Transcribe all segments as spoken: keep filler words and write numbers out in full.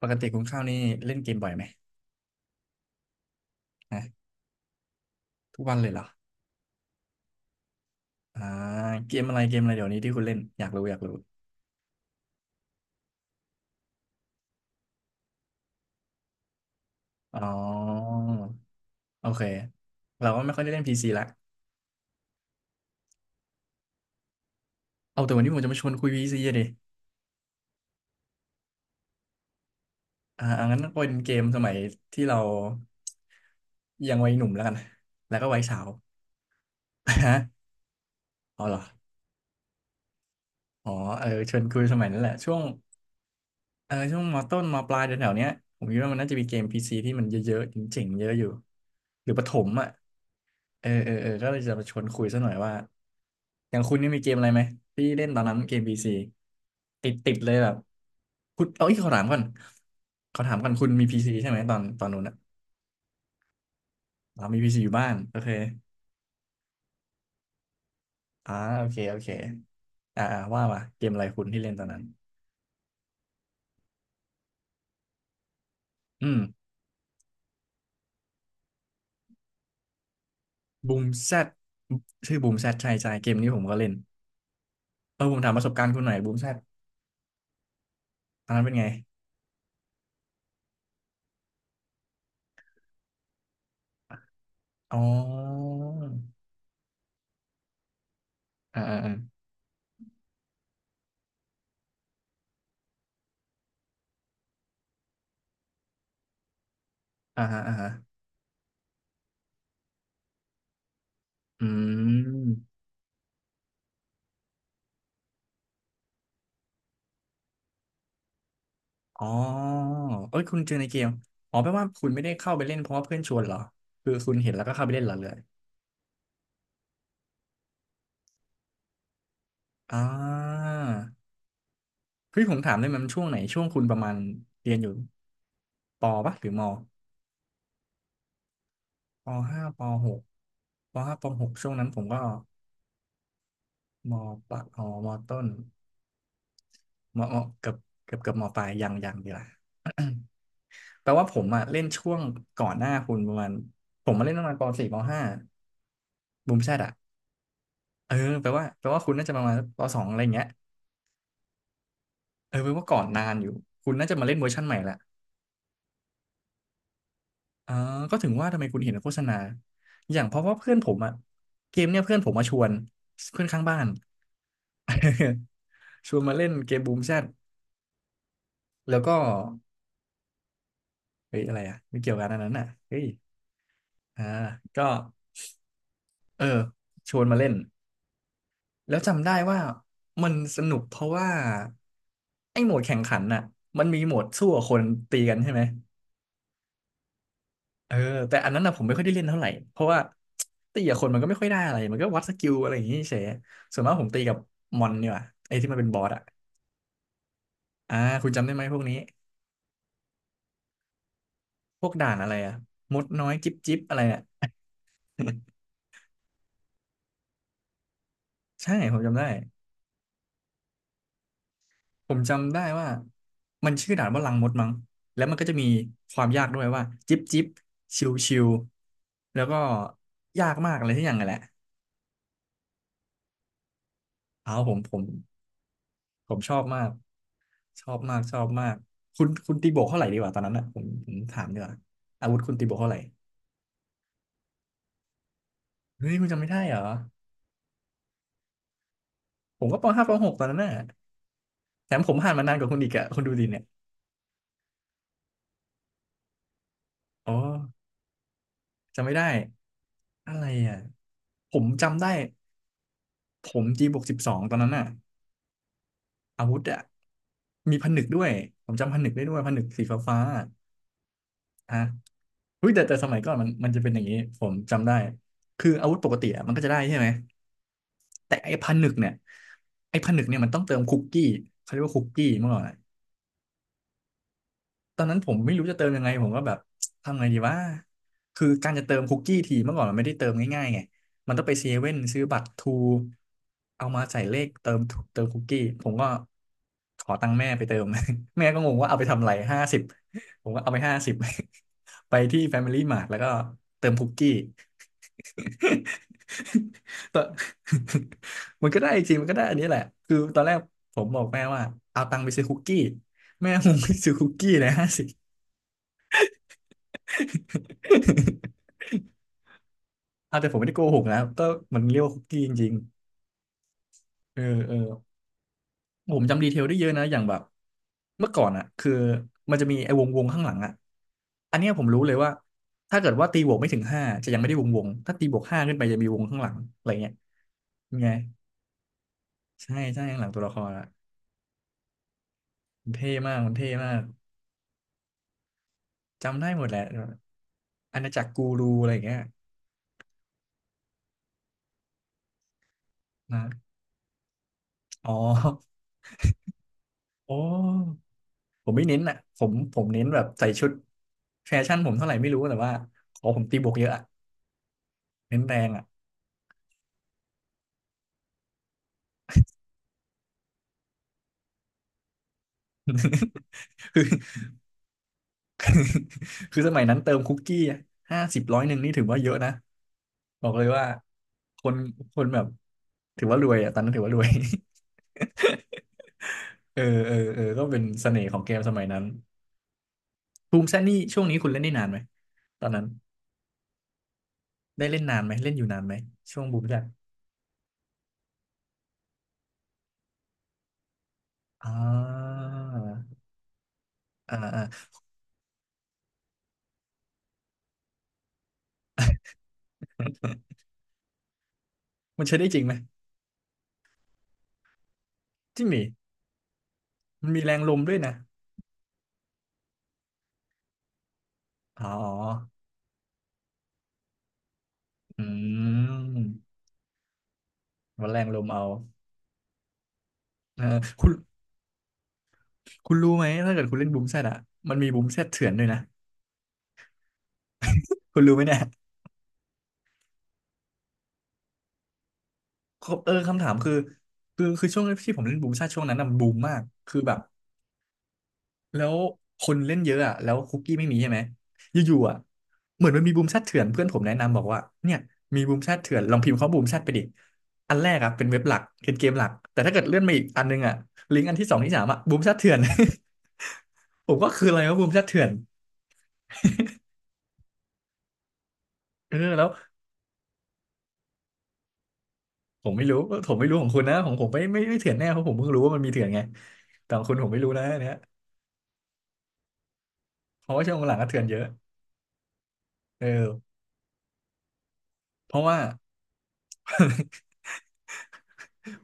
ปกติคุณข้าวนี่เล่นเกมบ่อยไหมฮะทุกวันเลยเหรออ่าเกมอะไรเกมอะไรเดี๋ยวนี้ที่คุณเล่นอยากรู้อยากรู้อ๋อโอเคเราก็ไม่ค่อยได้เล่นพีซีละเอาแต่วันนี้ผมจะมาชวนคุยพีซีดิอ่าอ่างั้นก็เป็นเกมสมัยที่เรายังวัยหนุ่มแล้วกันแล้วก็วัยสาว ฮะอ๋อเหรออ๋อเออชวนคุยสมัยนั้นแหละช่วงเออช่วงมต้นมปลายแถวๆเนี้ยผมคิดว่ามันน่าจะมีเกมพีซีที่มันเยอะๆจริงๆเยอะอยู่หรือประถมอ่ะ เออเออเออก็เลยจะมาชวนคุยซะหน่อยว่าอย่างคุณนี่มีเกมอะไรไหมที่เล่นตอนนั้นเกมพีซีติดติดเลยแบบคุณเอาอีกขอถามก่อนขอถามก่อนคุณมีพีซีใช่ไหมตอนตอนนู้นอ่ะเรามีพีซีอยู่บ้านโอเคอ่าโอเคโอเคอ่าอ่าว่ามาเกมอะไรคุณที่เล่นตอนนั้นอืมบูมแซดชื่อบูมแซดใช่ใช่เกมนี้ผมก็เล่นเออผมถามประสบการณ์คุณหน่อยบูมแซดตอนนั้นเป็นไงอ๋ออ่าอ่าอ่าอ่าฮะอ่าฮะอืม อ๋อเอ้ยคุณเจอในเกมอ๋อแปลว่าคุณไม่ได้เข้าไปเล่นเพราะว่าเพื่อนชวนเหรอคือคุณเห็นแล้วก็เข้าไปเล่นเหรอเลยอ่าเฮ้ยผมถามได้ไหมมันช่วงไหนช่วงคุณประมาณเรียนอยู่ปปะหรือมปห้าปหกปห้าปหกช่วงนั้นผมก็มปะอ๋อมต้นมมเกือบเกือบเกือบมปลายยังยังดีละแปลว่าผมอะเล่นช่วงก่อนหน้าคุณประมาณผมมาเล่นประมาณปสี่ปห้าบูมแชทอะเออแปลว่าแปลว่าคุณน่าจะประมาณปสองอะไรอย่างเงี้ย เออเป็นว่าก่อนนานอยู่คุณน่าจะมาเล่นเวอร์ชันใหม่ละอ๋อก็ถึงว่าทำไมคุณเห็นโฆษณาอย่างเพราะว่าเพื่อนผมอะเกมเนี่ยเพื่อนผมมาชวนเพื่อนข้างบ้าน ชวนมาเล่นเกมบูมแชทแล้วก็เฮ้ยอะไรอะไม่เกี่ยวกันอันนั้นอะเฮ้ยอ่าก็เออชวนมาเล่นแล้วจำได้ว่ามันสนุกเพราะว่าไอ้โหมดแข่งขันน่ะมันมีโหมดสู้กับคนตีกันใช่ไหม เออแต่อันนั้นนะผมไม่ค่อยได้เล่นเท่าไหร่เพราะว่าตีกับคนมันก็ไม่ค่อยได้อะไรมันก็วัดสกิลอะไรอย่างงี้เฉยส่วนมากผมตีกับมอนเนี่ยไอ้ที่มันเป็นบอสอ่ะอ่าคุณจำได้ไหมพวกนี้พวกด่านอะไรอ่ะมดน้อยจิ๊บจิ๊บอะไรอ่ะ ใช่ผมจำได้ผมจำได้ว่ามันชื่อด่านว่าลังมดมั้งแล้วมันก็จะมีความยากด้วยว่าจิ๊บจิ๊บชิวชิวแล้วก็ยากมากอะไรที่อย่างนั้นแหละเอาผมผมผมชอบมาก ชอบมากชอบมากคุณคุณตีโบกเท่าไหร่ดีกว่าตอนนั้นอ่ะผมผมถามดีกว่าอาวุธคุณตีโบกเท่าไหร่เฮ้ยคุณจำไม่ได้เหรอผมก็ปห้าปหกตอนนั้นน่ะแถมผมผ่านมานานกว่าคุณอีกอะคุณดูดิเนี่ยอ๋อจำไม่ได้อะไรอ่ะผมจำได้ผมจีบวกสิบสองตอนนั้นน่ะอาวุธอ่ะมีผนึกด้วยผมจำผนึกได้ด้วยผนึกสีฟ้าฟ้าอ่ะเฮ้ยแต่แต่สมัยก่อนมันมันจะเป็นอย่างนี้ผมจำได้คืออาวุธปกติอะมันก็จะได้ใช่ไหม แต่ไอ้ผนึกเนี่ยไอ้ผนึกเนี่ยมันต้องเติมคุกกี้เขาเรียกว่าคุกกี้เมื่อก่อนอะตอนนั้นผมไม่รู้จะเติมยังไงผมก็แบบทำไงดีว่าคือการจะเติมคุกกี้ทีเมื่อก่อนมันไม่ได้เติมง่ายๆไงมันต้องไปเซเว่นซื้อบัตรทรูเอามาใส่เลขเติมเติมคุกกี้ผมก็ขอตังค์แม่ไปเติม แม่ก็งงว่าเอาไปทำอะไรห้าสิบผมก็เอาไปห้าสิบ ไปที่ แฟมิลี่มาร์ท แล้วก็เติมคุกกี้ ตอน มันก็ได้จริงมันก็ได้อันนี้แหละคือตอนแรกผมบอกแม่ว่าเอาตังค์ไปซื้อคุกกี้แม่ผมไปซื้อคุกกี้เลยห้าสิบ เอาแต่ผมไม่ได้โกหกนะก็มันเรียกว่าคุกกี้จริงๆเออเออผมจำดีเทลได้เยอะนะอย่างแบบเมื่อก่อนอ่ะคือมันจะมีไอ้วงวงข้างหลังอ่ะอันเนี้ยผมรู้เลยว่าถ้าเกิดว่าตีบวกไม่ถึงห้าจะยังไม่ได้วงวงถ้าตีบวกห้าขึ้นไปจะมีวงข้างหลังอะไรเงี้ยยังไงใช่ใช่ข้างหลังตัวละครอะ มันเท่มากมันเท่มากจำได้หมดแหละอาณาจักรกูรูอะไรอย่างเงี้ยนะอ๋อโอ้ผมไม่เน้นอ่ะผมผมเน้นแบบใส่ชุดแฟชั่นผมเท่าไหร่ไม่รู้แต่ว่าขอผมตีบวกเยอะอะเน้นแรงอ่ะ คือคือสมัยนั้นเติมคุกกี้ห้าสิบร้อยหนึ่งนี่ถือว่าเยอะนะบอกเลยว่าคนคนแบบถือว่ารวยอ่ะตอนนั้นถือว่ารวย เออเออเออก็เป็นเสน่ห์ของเกมสมัยนั้นภูมิแซนนี่ช่วงนี้คุณเล่นได้นานไหมตอนนั้น ได้เล่นนานไหมเล่นอยู่นานไหมช่วงบูมแลบอ่าอ่าอ่ามันใช้ได้จริงไหมจริงดิมันมีแรงลมด้วยนะอ๋ออืมมันแรงลมเอาเออคุณคุณรู้ไหมถ้าเกิดคุณเล่นบูมแซดอ่ะมันมีบูมแซดเถื่อนด้วยนะคุณรู้ไหมเนี่ยเออคำถามคือคือคือช่วงที่ผมเล่นบูมแซดช่วงนั้นน่ะมันบูมมากคือแบบ แล้วคนเล่นเยอะอ่ะแล้วคุกกี้ไม่มีใช่ไหมอยู่ๆอ่ะเหมือนมันมีบูมแชทเถื่อนเพื่อนผมแนะนำบอกว่าเนี่ยมีบูมแชทเถื่อนลองพิมพ์เขาบูมแชทไปดิอันแรกอ่ะเป็นเว็บหลักเป็นเกมหลักแต่ถ้าเกิดเลื่อนมาอีกอันนึงอ่ะลิงก์อันที่สองที่สามอ่ะบูมแชทเถื่อน ผมก็คืออะไรวะบูมแชทเถื่อนเออแล้วผมไม่รู้ผมไม่รู้ของคุณนะของผมไม่ไม่ไม่เถื่อนแน่เพราะผมเพิ่งรู้ว่ามันมีเถื่อนไงแต่ของคุณผมไม่รู้นะอันเนี่ยเพราะว่าช่วงหลังก็เถื่อนเยอะเออเพราะว่า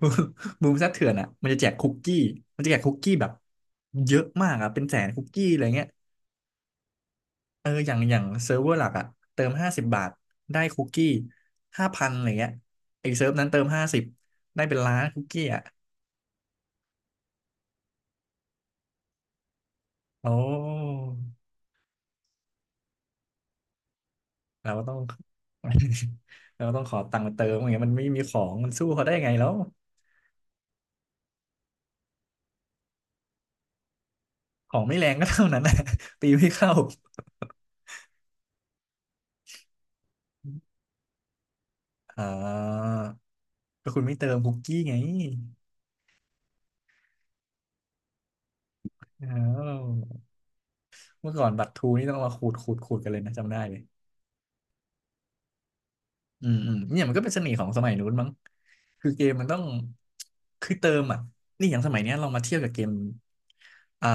บู มบูมซัดเถื่อนอ่ะมันจะแจกคุกกี้มันจะแจกคุกกี้แบบเยอะมากอ่ะเป็นแสนคุกกี้อะไรเงี้ยเอออย่างอย่างเซิร์ฟเวอร์หลักอ่ะเติมห้าสิบบาทได้คุกกี้ห้าพันอะไรเงี้ยไอ้เซิร์ฟนั้นเติมห้าสิบได้เป็นล้านคุกกี้อ่ะโอ้เราก็ต้อง เราก็ต้องขอตังค์มาเติมอย่างเงี้ยมันไม่มีของมันสู้เขาได้ไงแล้วของไม่แรงก็เท่านั้นนะ ตีไม่เข้า อ่าก็คุณไม่เติมคุกกี้ไงอ้าว เมื่อก่อนบัตรทูนี่ต้องมาขูดขูดขูดกันเลยนะจำได้เลยอืมอืมเนี่ยมันก็เป็นเสน่ห์ของสมัยนู้นมั้งคือเกมมันต้องคือเติมอ่ะนี่อย่างสมัยเนี้ยเรามาเทียบกับเกมอ่า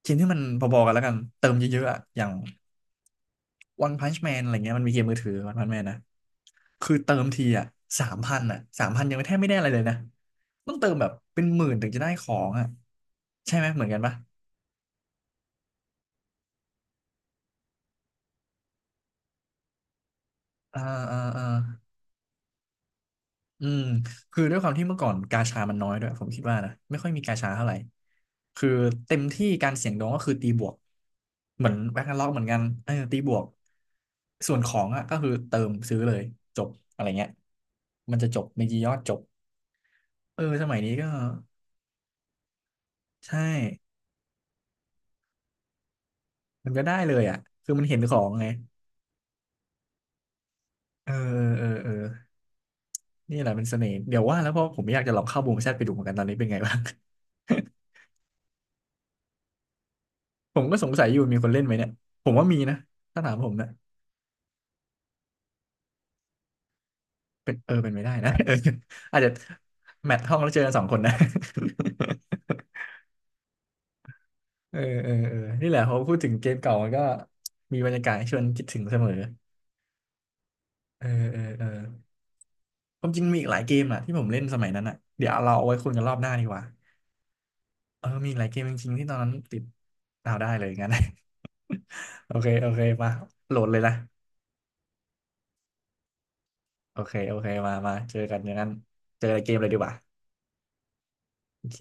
เกมที่มันพอๆกันแล้วกันเติมเยอะๆอะอย่าง One Punch Man อะไรเงี้ยมันมีเกมมือถือ One Punch Man นะคือเติมทีอ่ะสามพันอ่ะสามพันยังไม่แทบไม่ได้อะไรเลยนะต้องเติมแบบเป็นหมื่นถึงจะได้ของอ่ะใช่ไหมเหมือนกันปะอ่าอ่าอ่า อืมคือด้วยความที่เมื่อก่อนกาชามันน้อยด้วยผมคิดว่านะไม่ค่อยมีกาชาเท่าไหร่คือเต็มที่การเสี่ยงดวงก็คือตีบวกเหมือนแบงค์ล็อกเหมือนกันเออตีบวกส่วนของอ่ะก็คือเติมซื้อเลยจบอะไรเงี้ยมันจะจบมีกี่ยอดจบเออสมัยนี้ก็ใช่มันก็ได้เลยอ่ะคือมันเห็นของไงเออเออเออนี่แหละเป็นเสน่ห์เดี๋ยวว่าแล้วเพราะผมอยากจะลองเข้าบูมแชทไปดูเหมือนกันตอนนี้เป็นไงบ้าง ผมก็สงสัยอยู่มีคนเล่นไหมเนี่ยผมว่ามีนะถ้าถามผมนะ เป็นเออเป็นไม่ได้นะ เอออาจจะแมทห้องแล้วเจอกันสองคนนะ เออเออเออนี่แหละพอพูดถึงเกมเก่ามันก็มีบรรยากาศให้ชวนคิดถึงเสมอเออเออเออความจริงมีอีกหลายเกมอ่ะที่ผมเล่นสมัยนั้นอ่ะเดี๋ยวเราเอาไว้คุยกันรอบหน้าดีกว่าเออมีอีกหลายเกมจริงๆที่ตอนนั้นติดเอาได้เลยงั้น โอเคโอเคมาโหลดเลยนะโอเคโอเคมามาเจอกันอย่างนั้นเจอในเกมเลยดีกว่าโอเค